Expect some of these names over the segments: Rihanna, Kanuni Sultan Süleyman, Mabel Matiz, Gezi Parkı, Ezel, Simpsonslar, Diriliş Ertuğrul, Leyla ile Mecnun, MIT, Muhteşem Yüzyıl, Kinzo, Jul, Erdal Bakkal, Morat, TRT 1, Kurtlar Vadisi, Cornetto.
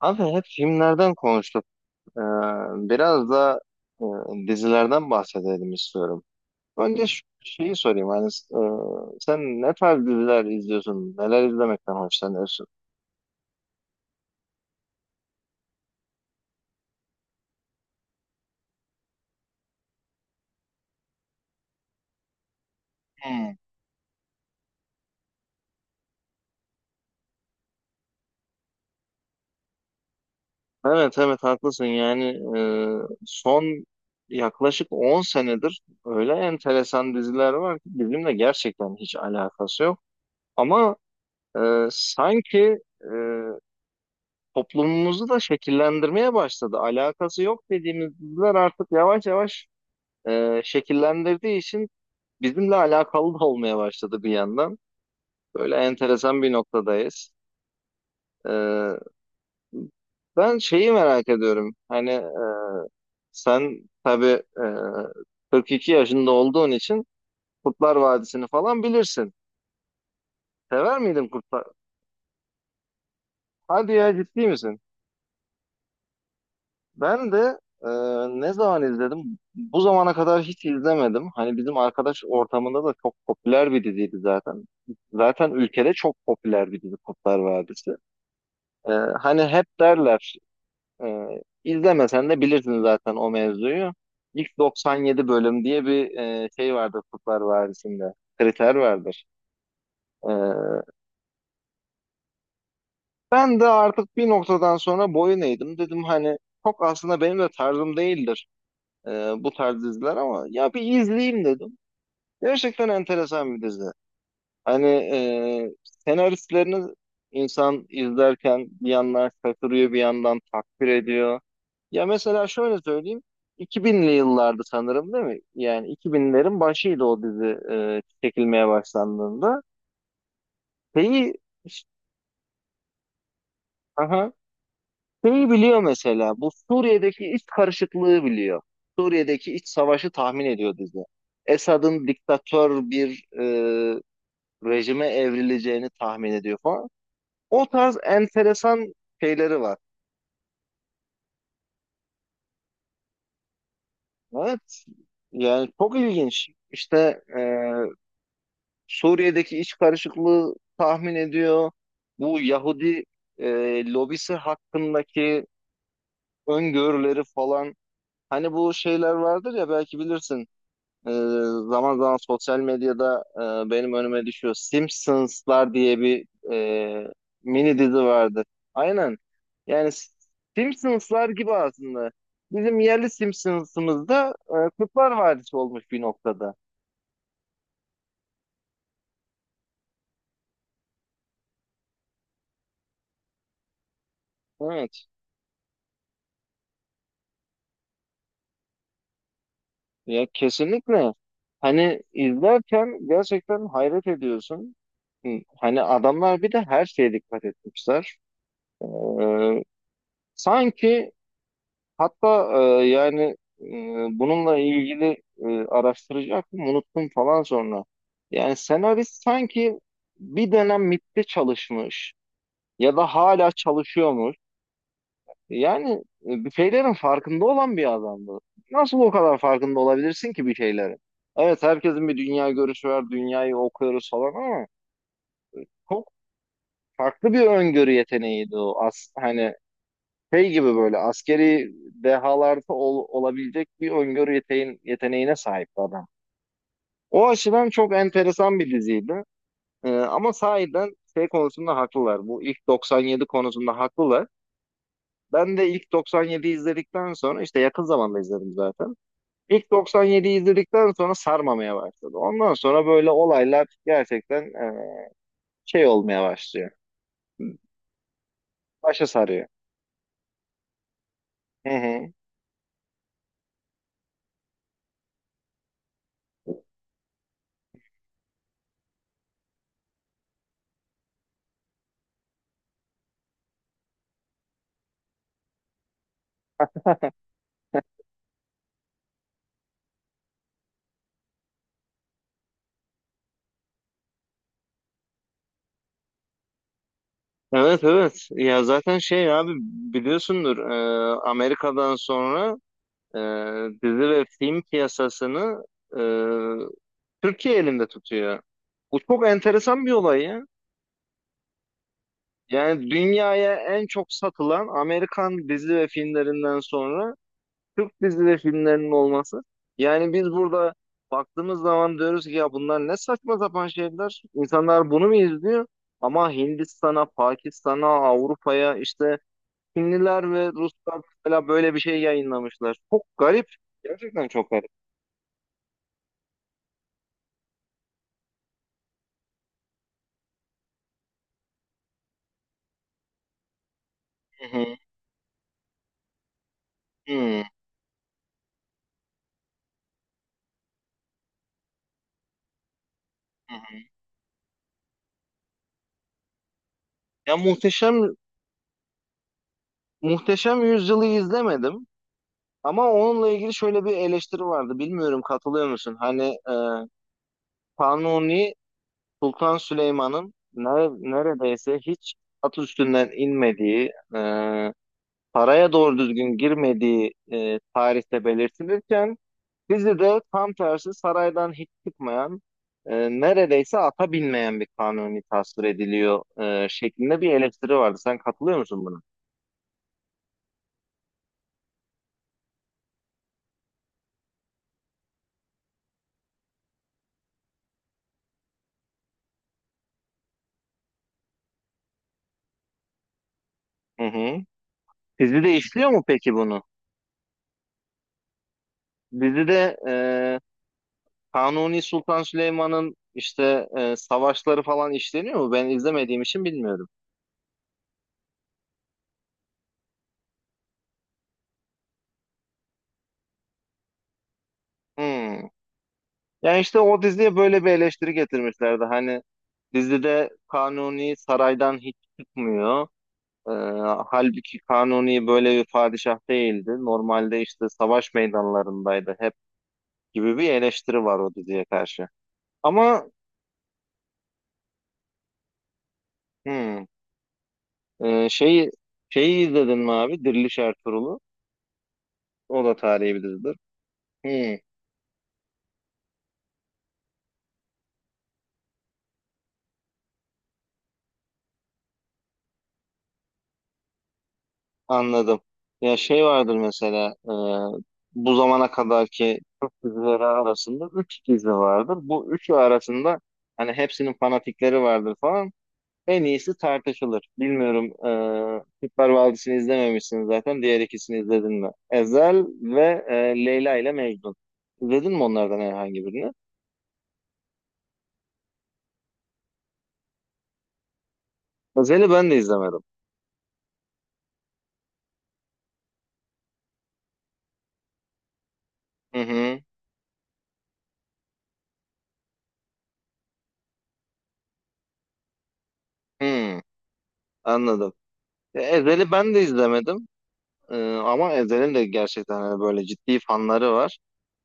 Abi hep filmlerden konuştuk. Ee, Biraz da dizilerden bahsedelim istiyorum. Önce şeyi sorayım. Hani, sen ne tarz diziler izliyorsun? Neler izlemekten hoşlanıyorsun? Hmm. Evet, evet, haklısın. Yani e, son yaklaşık 10 senedir öyle enteresan diziler var ki bizimle gerçekten hiç alakası yok. Ama sanki toplumumuzu da şekillendirmeye başladı. Alakası yok dediğimiz diziler artık yavaş yavaş şekillendirdiği için bizimle alakalı da olmaya başladı bir yandan. Böyle enteresan bir noktadayız. E, Ben şeyi merak ediyorum. Hani sen tabii 42 yaşında olduğun için Kurtlar Vadisi'ni falan bilirsin. Sever miydin Kurtlar? Hadi ya, ciddi misin? Ben de e, ne zaman izledim? Bu zamana kadar hiç izlemedim. Hani bizim arkadaş ortamında da çok popüler bir diziydi zaten. Zaten ülkede çok popüler bir dizi Kurtlar Vadisi. Hani hep derler e, izlemesen de bilirsin zaten o mevzuyu. İlk 97 bölüm diye bir şey vardır Kurtlar Vadisi'nde. Kriter vardır. E, Ben de artık bir noktadan sonra boyun eğdim. Dedim hani çok aslında benim de tarzım değildir, Ee, bu tarz diziler, ama ya bir izleyeyim dedim. Gerçekten enteresan bir dizi. Hani senaristlerini insan izlerken bir yandan şaşırıyor, bir yandan takdir ediyor. Ya mesela şöyle söyleyeyim. 2000'li yıllardı sanırım, değil mi? Yani 2000'lerin başıydı o dizi çekilmeye başlandığında. Şeyi aha, Şeyi biliyor mesela, bu Suriye'deki iç karışıklığı biliyor. Suriye'deki iç savaşı tahmin ediyor dizi. Esad'ın diktatör bir rejime evrileceğini tahmin ediyor falan. O tarz enteresan şeyleri var. Evet, yani çok ilginç. İşte Suriye'deki iç karışıklığı tahmin ediyor. Bu Yahudi lobisi hakkındaki öngörüleri falan. Hani bu şeyler vardır ya, belki bilirsin. Ee, Zaman zaman sosyal medyada benim önüme düşüyor. Simpsonslar diye bir e, mini dizi vardı. Aynen. Yani Simpsonslar gibi aslında. Bizim yerli Simpsons'ımızda Kurtlar Vadisi olmuş bir noktada. Evet. Ya kesinlikle. Hani izlerken gerçekten hayret ediyorsun. Hani adamlar bir de her şeye dikkat etmişler. Ee, sanki Hatta yani bununla ilgili araştıracaktım, unuttum falan sonra. Yani senarist sanki bir dönem MIT'te çalışmış ya da hala çalışıyormuş. Yani bir şeylerin farkında olan bir adamdı. Nasıl o kadar farkında olabilirsin ki bir şeylerin? Evet, herkesin bir dünya görüşü var, dünyayı okuyoruz falan ama çok farklı bir öngörü yeteneğiydi o. Hani şey gibi böyle askeri dehalarda olabilecek bir öngörü yeteneğine sahip adam. O açıdan çok enteresan bir diziydi. Ama sahiden şey konusunda haklılar. Bu ilk 97 konusunda haklılar. Ben de ilk 97'yi izledikten sonra işte yakın zamanda izledim zaten. İlk 97'yi izledikten sonra sarmamaya başladı. Ondan sonra böyle olaylar gerçekten şey olmaya başlıyor. Başa sarıyor. Hı hı. Evet, evet, ya zaten şey abi, biliyorsundur Amerika'dan sonra e, dizi ve film piyasasını e, Türkiye elinde tutuyor. Bu çok enteresan bir olay ya. Yani dünyaya en çok satılan Amerikan dizi ve filmlerinden sonra Türk dizi ve filmlerinin olması. Yani biz burada baktığımız zaman diyoruz ki ya, bunlar ne saçma sapan şeyler. İnsanlar bunu mu izliyor? Ama Hindistan'a, Pakistan'a, Avrupa'ya işte Çinliler ve Ruslar mesela böyle bir şey yayınlamışlar. Çok garip. Gerçekten çok garip. Hı hı, hı hı. Ya muhteşem yüzyılı izlemedim ama onunla ilgili şöyle bir eleştiri vardı. Bilmiyorum, katılıyor musun? Hani e, Kanuni Sultan Süleyman'ın neredeyse hiç at üstünden inmediği, paraya doğru düzgün girmediği tarihte belirtilirken dizide tam tersi saraydan hiç çıkmayan, neredeyse ata binmeyen bir kanuni tasvir ediliyor şeklinde bir eleştiri vardı. Sen katılıyor musun buna? Hı hı. Dizide işliyor mu peki bunu? Dizide Kanuni Sultan Süleyman'ın işte savaşları falan işleniyor mu? Ben izlemediğim için bilmiyorum. Hmm. Yani işte o diziye böyle bir eleştiri getirmişlerdi. Hani dizide Kanuni saraydan hiç çıkmıyor. Ee, Halbuki Kanuni böyle bir padişah değildi. Normalde işte savaş meydanlarındaydı hep gibi bir eleştiri var o diziye karşı. Ama hmm, e, şeyi şeyi izledin mi abi? Diriliş Ertuğrul'u. O da tarihi bir dizidir. Hmm, anladım. Ya şey vardır mesela bu zamana kadarki Türk dizileri arasında 3 dizi vardır. Bu üçü arasında hani hepsinin fanatikleri vardır falan. En iyisi tartışılır. Bilmiyorum. Kurtlar Vadisi'ni izlememişsin zaten. Diğer ikisini izledin mi? Ezel ve Leyla ile Mecnun. İzledin mi onlardan herhangi birini? Ezel'i ben de izlemedim. Hı hı. Hı, anladım. Ezel'i ben de izlemedim. Ama Ezel'in de gerçekten hani böyle ciddi fanları var.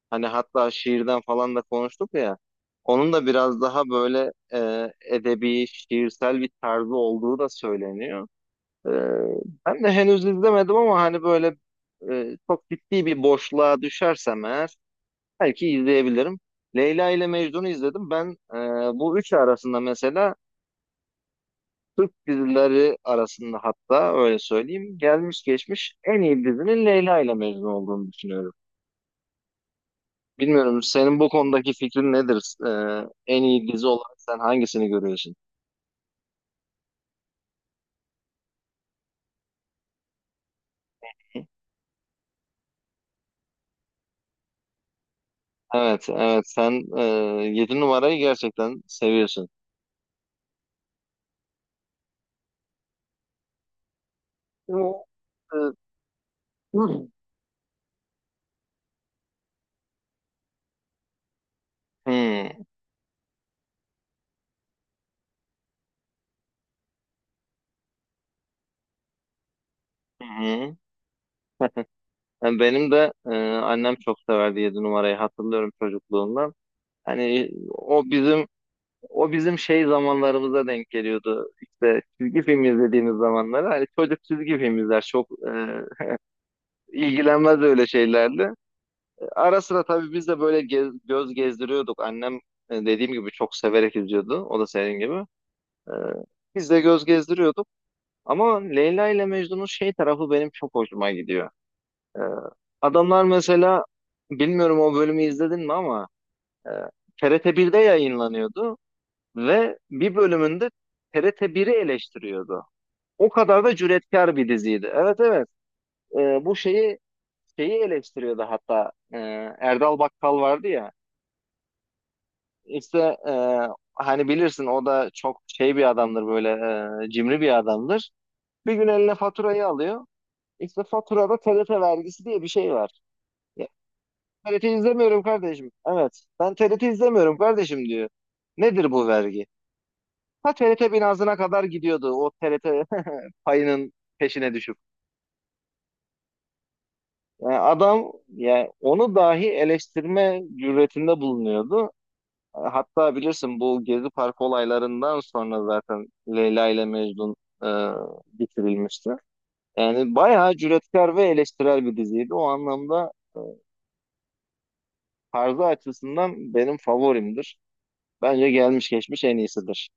Hani hatta şiirden falan da konuştuk ya. Onun da biraz daha böyle edebi, şiirsel bir tarzı olduğu da söyleniyor. Ee, Ben de henüz izlemedim ama hani böyle çok ciddi bir boşluğa düşersem eğer belki izleyebilirim. Leyla ile Mecnun'u izledim. Ben bu üçü arasında mesela dizileri arasında hatta öyle söyleyeyim, gelmiş geçmiş en iyi dizinin Leyla ile Mecnun olduğunu düşünüyorum. Bilmiyorum, senin bu konudaki fikrin nedir? En iyi dizi olarak sen hangisini görüyorsun? Evet, evet, sen 7 numarayı gerçekten seviyorsun. Bu, e, Hmm. Hı hı. Yani benim de annem çok severdi 7 numarayı, hatırlıyorum çocukluğumdan. Hani o bizim şey zamanlarımıza denk geliyordu. İşte çizgi film izlediğimiz zamanları. Hani çocuk çizgi film izler, çok ilgilenmez öyle şeylerle. Ara sıra tabii biz de böyle göz gezdiriyorduk. Annem dediğim gibi çok severek izliyordu. O da senin gibi. E, Biz de göz gezdiriyorduk. Ama Leyla ile Mecnun'un şey tarafı benim çok hoşuma gidiyor. Ee, Adamlar mesela bilmiyorum, o bölümü izledin mi ama e, TRT 1'de yayınlanıyordu ve bir bölümünde TRT biri eleştiriyordu. O kadar da cüretkar bir diziydi. Evet, evet. Bu şeyi eleştiriyordu hatta. Erdal Bakkal vardı ya. İşte e, hani bilirsin o da çok şey bir adamdır, böyle cimri bir adamdır. Bir gün eline faturayı alıyor. İşte faturada TRT vergisi diye bir şey var. TRT izlemiyorum kardeşim. Evet. Ben TRT izlemiyorum kardeşim diyor. Nedir bu vergi? Ha, TRT binasına kadar gidiyordu o TRT payının peşine düşüp. Yani adam, yani onu dahi eleştirme cüretinde bulunuyordu. Hatta bilirsin, bu Gezi Parkı olaylarından sonra zaten Leyla ile Mecnun e, bitirilmişti. Yani bayağı cüretkar ve eleştirel bir diziydi. O anlamda tarzı açısından benim favorimdir. Bence gelmiş geçmiş en iyisidir.